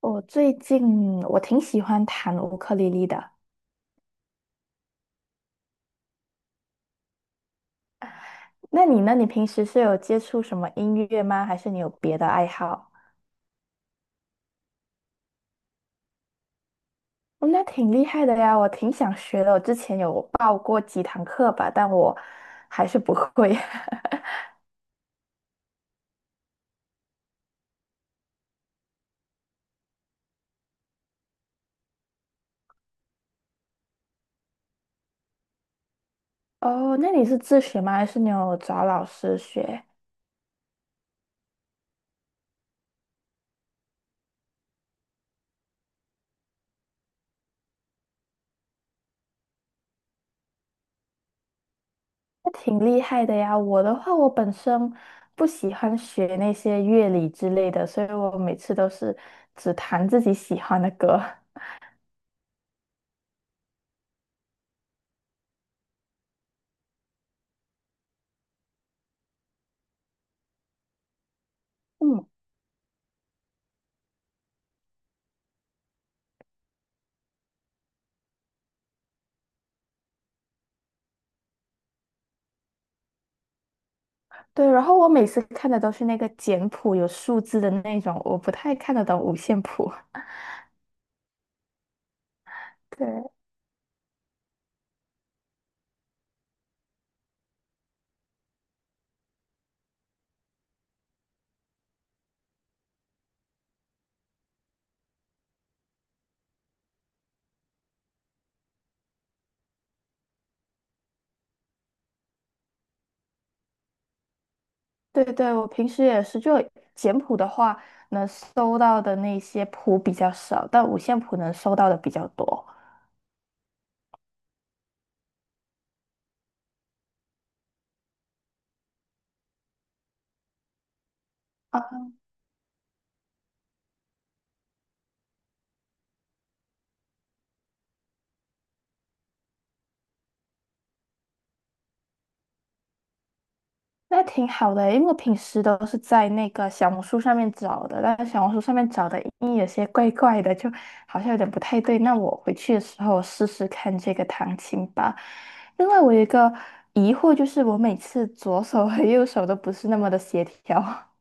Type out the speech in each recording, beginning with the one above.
我最近挺喜欢弹乌克丽丽的。那你呢？你平时是有接触什么音乐吗？还是你有别的爱好？哦，那挺厉害的呀，我挺想学的。我之前有报过几堂课吧，但我还是不会。哦，那你是自学吗？还是你有找老师学？那挺厉害的呀。我的话，我本身不喜欢学那些乐理之类的，所以我每次都是只弹自己喜欢的歌。嗯。对，然后我每次看的都是那个简谱有数字的那种，我不太看得懂五线谱。对对对，我平时也是，就简谱的话，能搜到的那些谱比较少，但五线谱能搜到的比较多。啊，那挺好的欸，因为我平时都是在那个小红书上面找的，但是小红书上面找的音有些怪怪的，就好像有点不太对。那我回去的时候试试看这个弹琴吧。另外，我有一个疑惑，就是我每次左手和右手都不是那么的协调。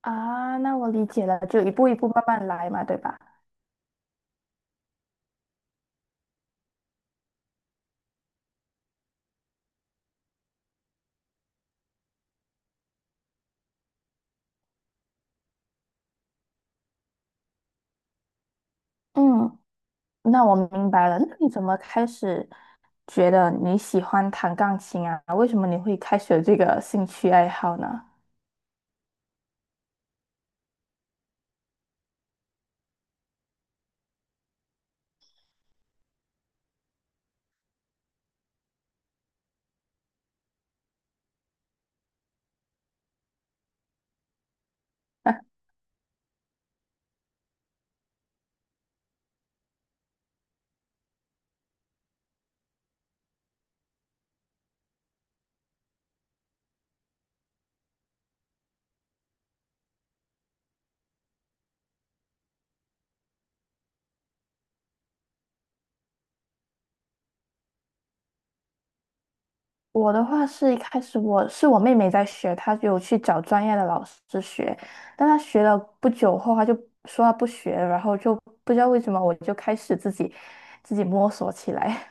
啊。那我理解了，就一步一步慢慢来嘛，对吧？嗯，那我明白了。那你怎么开始觉得你喜欢弹钢琴啊？为什么你会开始有这个兴趣爱好呢？我的话是一开始我妹妹在学，她有去找专业的老师学，但她学了不久后，她就说她不学了然后就不知道为什么我就开始自己摸索起来。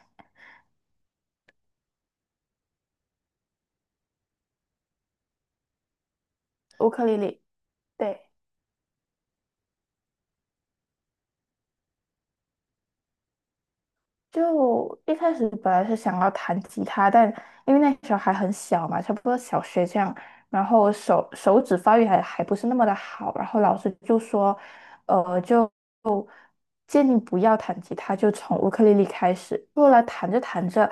乌克丽丽。对。就一开始本来是想要弹吉他，但因为那时候还很小嘛，差不多小学这样，然后手指发育还不是那么的好，然后老师就说，就建议不要弹吉他，就从乌克丽丽开始。后来弹着弹着，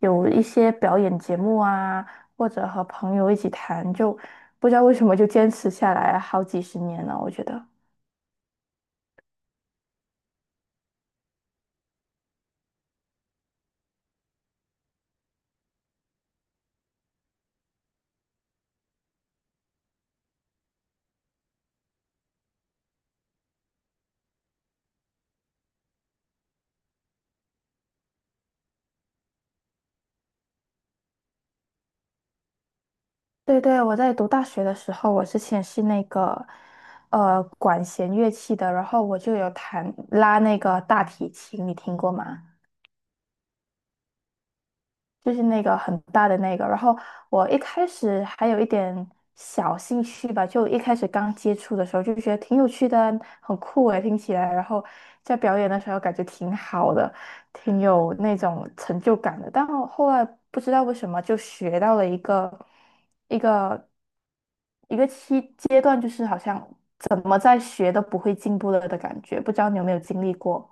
有一些表演节目啊，或者和朋友一起弹，就不知道为什么就坚持下来好几十年了，我觉得。对对，我在读大学的时候，我之前是那个管弦乐器的，然后我就有弹拉那个大提琴，你听过吗？就是那个很大的那个。然后我一开始还有一点小兴趣吧，就一开始刚接触的时候就觉得挺有趣的啊，很酷诶，听起来。然后在表演的时候感觉挺好的，挺有那种成就感的。但我后来不知道为什么就学到了一个一个一个期阶段，就是好像怎么在学都不会进步了的感觉。不知道你有没有经历过？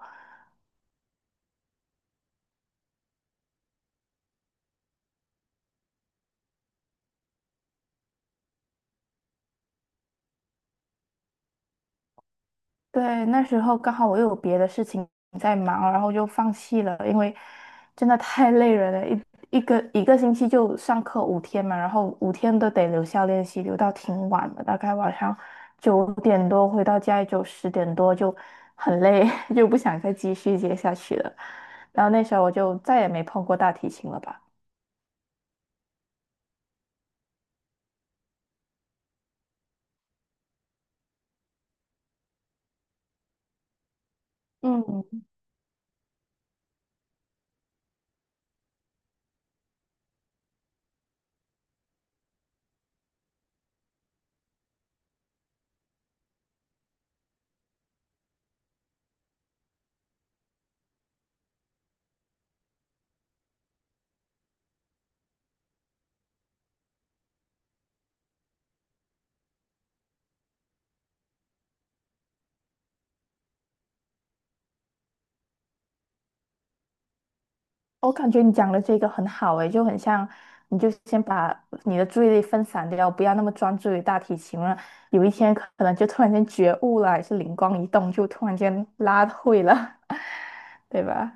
对，那时候刚好我又有别的事情在忙，然后就放弃了，因为真的太累人了，一个星期就上课五天嘛，然后五天都得留校练习，留到挺晚的，大概晚上九点多回到家也就十点多，就很累，就不想再继续接下去了。然后那时候我就再也没碰过大提琴了吧。嗯，我感觉你讲的这个很好诶，就很像，你就先把你的注意力分散掉，不要那么专注于大提琴了。有一天可能就突然间觉悟了，还是灵光一动，就突然间拉会了，对吧？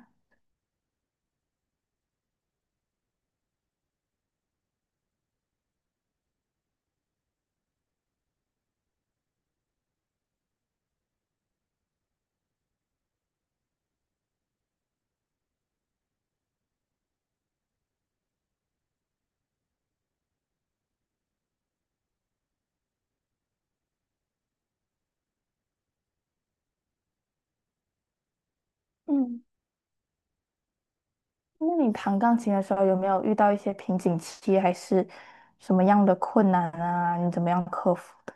嗯。那你弹钢琴的时候有没有遇到一些瓶颈期，还是什么样的困难啊？你怎么样克服的？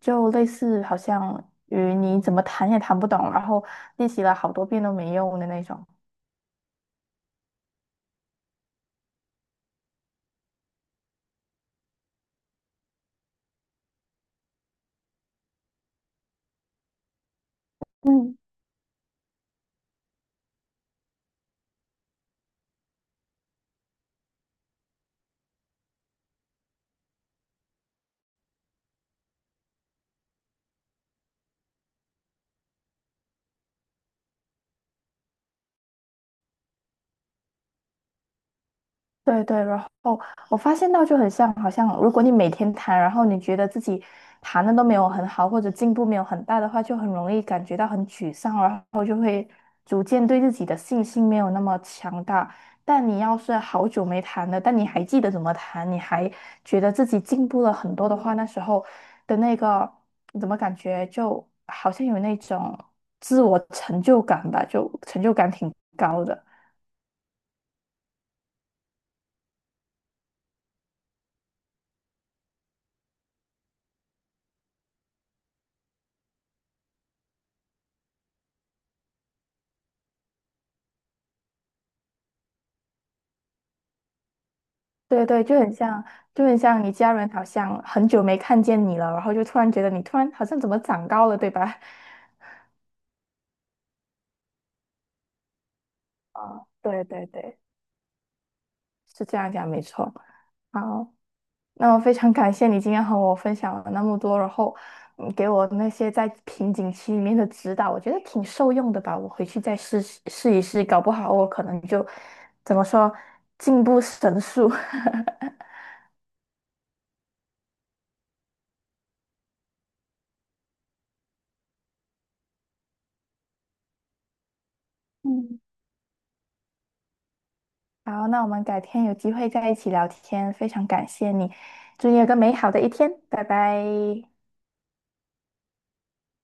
就类似好像与你怎么弹也弹不懂，然后练习了好多遍都没用的那种。嗯。对对，然后我发现到就很像，好像如果你每天弹，然后你觉得自己弹的都没有很好，或者进步没有很大的话，就很容易感觉到很沮丧，然后就会逐渐对自己的信心没有那么强大。但你要是好久没弹了，但你还记得怎么弹，你还觉得自己进步了很多的话，那时候的那个怎么感觉就好像有那种自我成就感吧，就成就感挺高的。对对，就很像你家人好像很久没看见你了，然后就突然觉得你突然好像怎么长高了，对吧？啊，对对对，是这样讲没错。好，那我非常感谢你今天和我分享了那么多，然后你给我那些在瓶颈期里面的指导，我觉得挺受用的吧。我回去再试一试，搞不好我可能就怎么说进步神速。嗯。好，那我们改天有机会再一起聊天，非常感谢你，祝你有个美好的一天，拜拜。